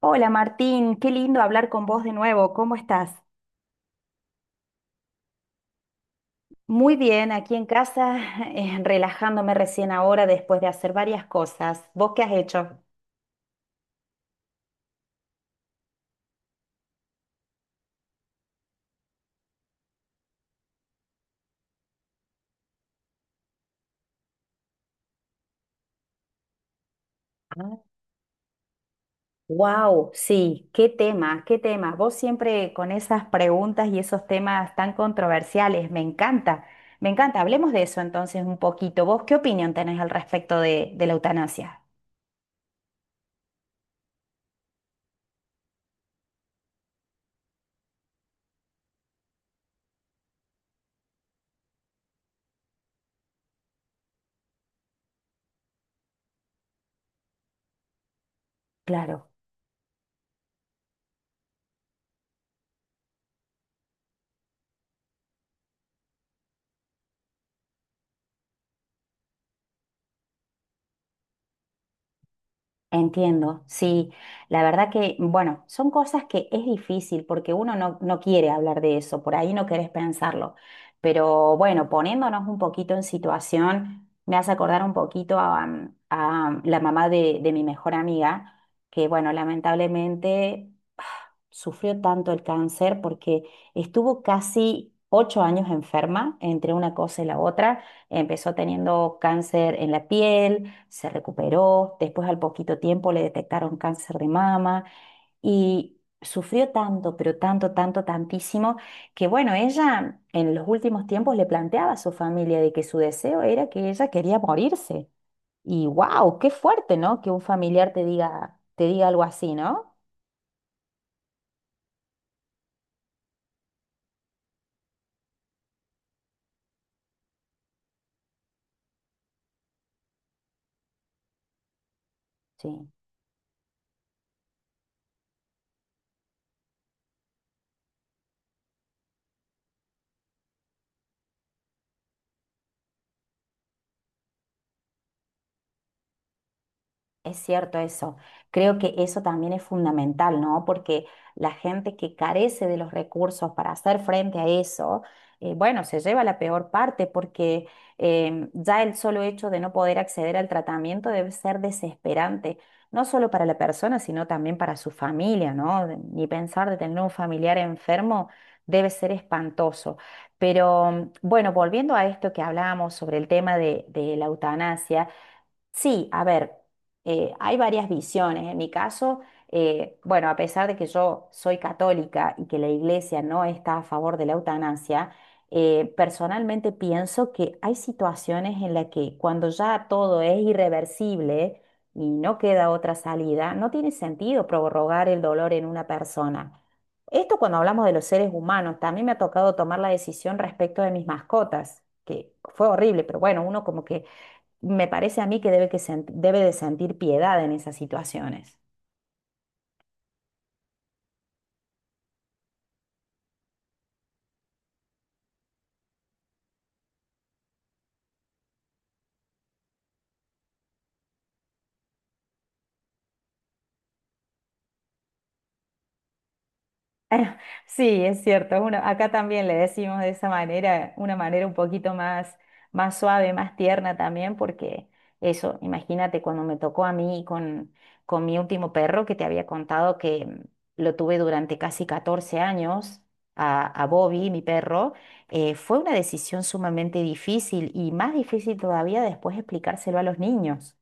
Hola Martín, qué lindo hablar con vos de nuevo. ¿Cómo estás? Muy bien, aquí en casa, relajándome recién ahora después de hacer varias cosas. ¿Vos qué has hecho? Wow, sí, qué tema, qué tema. Vos siempre con esas preguntas y esos temas tan controversiales, me encanta, me encanta. Hablemos de eso entonces un poquito. ¿Vos qué opinión tenés al respecto de la eutanasia? Claro. Entiendo, sí, la verdad que, bueno, son cosas que es difícil porque uno no quiere hablar de eso, por ahí no querés pensarlo, pero bueno, poniéndonos un poquito en situación, me hace acordar un poquito a a la mamá de mi mejor amiga, que bueno, lamentablemente sufrió tanto el cáncer porque estuvo casi 8 años enferma entre una cosa y la otra. Empezó teniendo cáncer en la piel, se recuperó, después al poquito tiempo le detectaron cáncer de mama y sufrió tanto, pero tanto, tanto, tantísimo, que bueno, ella en los últimos tiempos le planteaba a su familia de que su deseo era que ella quería morirse. Y wow, qué fuerte, ¿no? Que un familiar te diga algo así, ¿no? Sí. Es cierto eso. Creo que eso también es fundamental, ¿no? Porque la gente que carece de los recursos para hacer frente a eso, bueno, se lleva la peor parte porque ya el solo hecho de no poder acceder al tratamiento debe ser desesperante, no solo para la persona, sino también para su familia, ¿no? Ni pensar de tener un familiar enfermo debe ser espantoso. Pero bueno, volviendo a esto que hablábamos sobre el tema de la eutanasia. Sí, a ver, hay varias visiones. En mi caso, bueno, a pesar de que yo soy católica y que la iglesia no está a favor de la eutanasia, personalmente pienso que hay situaciones en las que cuando ya todo es irreversible y no queda otra salida, no tiene sentido prorrogar el dolor en una persona. Esto cuando hablamos de los seres humanos, también me ha tocado tomar la decisión respecto de mis mascotas, que fue horrible, pero bueno, uno como que me parece a mí que debe, debe de sentir piedad en esas situaciones. Sí, es cierto. Uno, acá también le decimos de esa manera, una manera un poquito más, más suave, más tierna también, porque eso, imagínate cuando me tocó a mí con mi último perro que te había contado que lo tuve durante casi 14 años. A Bobby, mi perro, fue una decisión sumamente difícil y más difícil todavía después explicárselo a los niños.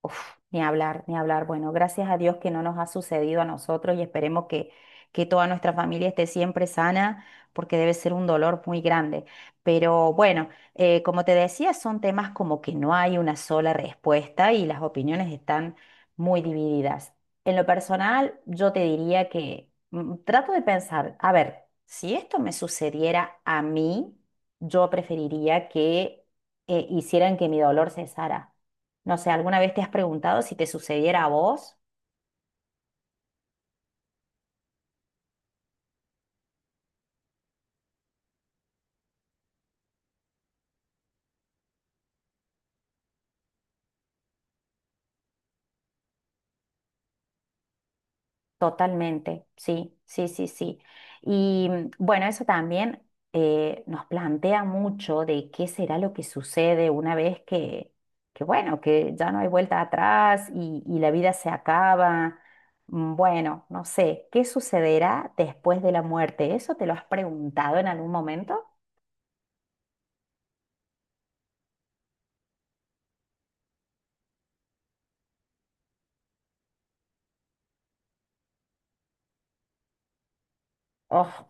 Uf, ni hablar, ni hablar. Bueno, gracias a Dios que no nos ha sucedido a nosotros y esperemos que toda nuestra familia esté siempre sana, porque debe ser un dolor muy grande. Pero bueno, como te decía, son temas como que no hay una sola respuesta y las opiniones están muy divididas. En lo personal, yo te diría que trato de pensar, a ver, si esto me sucediera a mí, yo preferiría que hicieran que mi dolor cesara. No sé, ¿alguna vez te has preguntado si te sucediera a vos? Totalmente, sí, sí, sí, sí. Y bueno, eso también nos plantea mucho de qué será lo que sucede una vez que bueno, que ya no hay vuelta atrás y la vida se acaba. Bueno, no sé, ¿qué sucederá después de la muerte? ¿Eso te lo has preguntado en algún momento? Oh,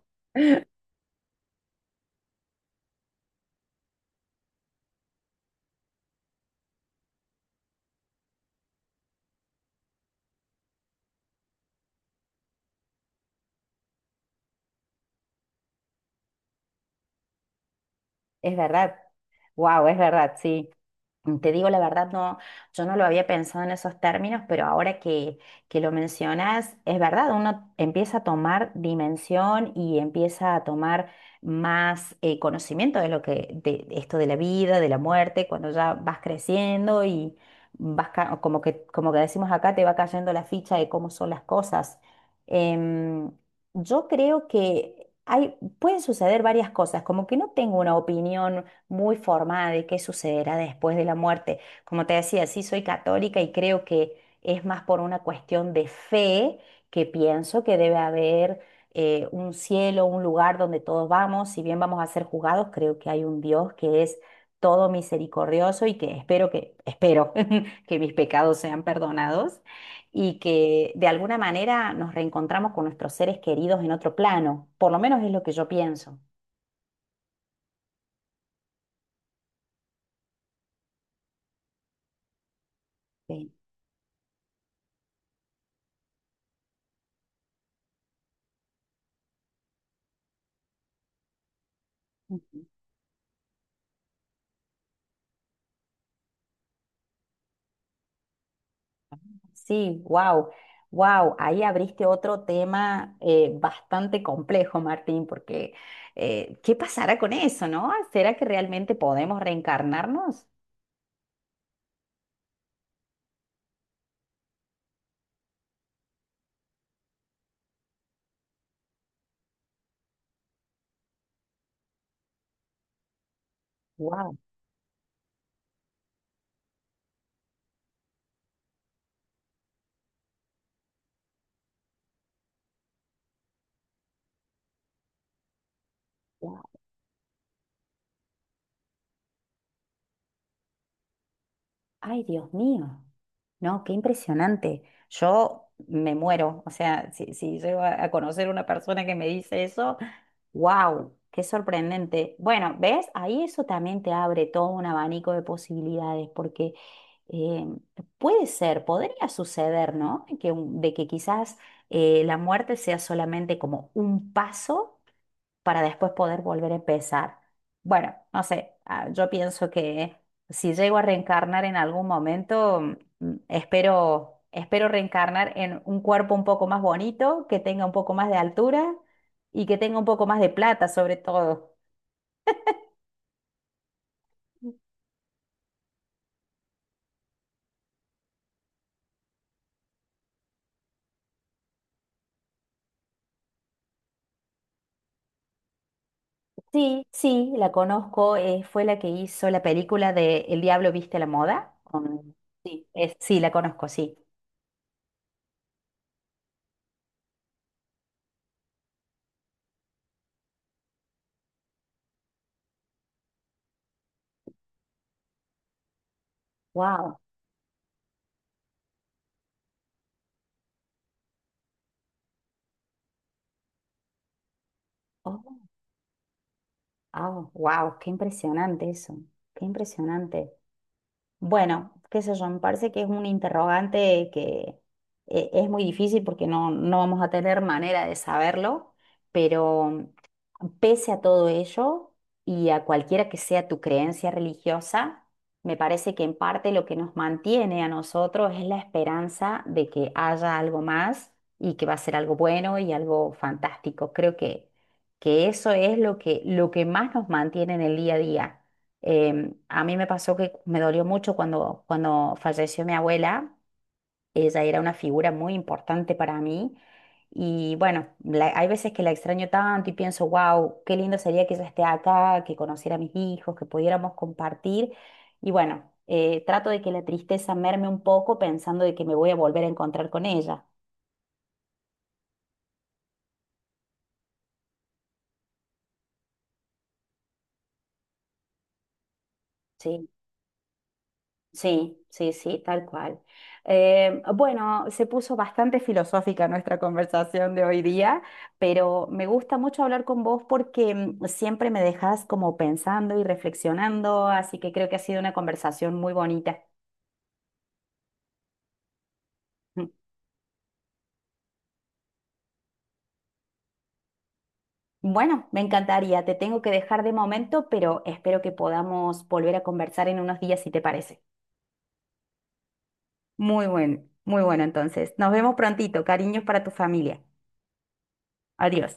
es verdad. Wow, es verdad, sí. Te digo la verdad, no, yo no lo había pensado en esos términos, pero ahora que lo mencionas, es verdad, uno empieza a tomar dimensión y empieza a tomar más conocimiento de lo que, de esto de la vida, de la muerte, cuando ya vas creciendo y como que decimos acá, te va cayendo la ficha de cómo son las cosas. Em, yo creo que hay, pueden suceder varias cosas, como que no tengo una opinión muy formada de qué sucederá después de la muerte. Como te decía, sí soy católica y creo que es más por una cuestión de fe que pienso que debe haber un cielo, un lugar donde todos vamos, si bien vamos a ser juzgados, creo que hay un Dios que es todo misericordioso y que, espero que mis pecados sean perdonados y que de alguna manera nos reencontramos con nuestros seres queridos en otro plano. Por lo menos es lo que yo pienso. Sí. Sí, wow, wow, ahí abriste otro tema bastante complejo, Martín, porque ¿qué pasará con eso, no? ¿Será que realmente podemos reencarnarnos? Wow, wow, ay, Dios mío. No, qué impresionante. Yo me muero. O sea, si, si llego a conocer una persona que me dice eso, wow, qué sorprendente. Bueno, ¿ves? Ahí eso también te abre todo un abanico de posibilidades, porque eh, puede ser, podría suceder, ¿no? Que, de que quizás la muerte sea solamente como un paso para después poder volver a empezar. Bueno, no sé, ah, yo pienso que si llego a reencarnar en algún momento, mm, mm, espero, espero reencarnar en un cuerpo un poco más bonito, que tenga un poco más de altura y que tenga un poco más de plata, sobre todo. Sí, sí, la conozco, fue la que hizo la película de El Diablo Viste a la Moda. Sí, sí, la conozco, sí. Wow, wow, qué impresionante eso, qué impresionante. Bueno, qué sé yo, me parece que es un interrogante que es muy difícil porque no, no vamos a tener manera de saberlo, pero pese a todo ello y a cualquiera que sea tu creencia religiosa, me parece que en parte lo que nos mantiene a nosotros es la esperanza de que haya algo más y que va a ser algo bueno y algo fantástico. Creo que eso es lo que más nos mantiene en el día a día. A mí me pasó que me dolió mucho cuando, cuando falleció mi abuela. Ella era una figura muy importante para mí. Y bueno, hay veces que la extraño tanto y pienso, wow, qué lindo sería que ella esté acá, que conociera a mis hijos, que pudiéramos compartir. Y bueno, trato de que la tristeza merme un poco pensando de que me voy a volver a encontrar con ella. ¿Sí? Sí, sí, sí, tal cual. Bueno, se puso bastante filosófica nuestra conversación de hoy día, pero me gusta mucho hablar con vos porque siempre me dejas como pensando y reflexionando, así que creo que ha sido una conversación muy bonita. Mm. Bueno, me encantaría, te tengo que dejar de momento, pero espero que podamos volver a conversar en unos días si te parece. Muy bueno, muy bueno entonces. Nos vemos prontito, cariños para tu familia. Adiós.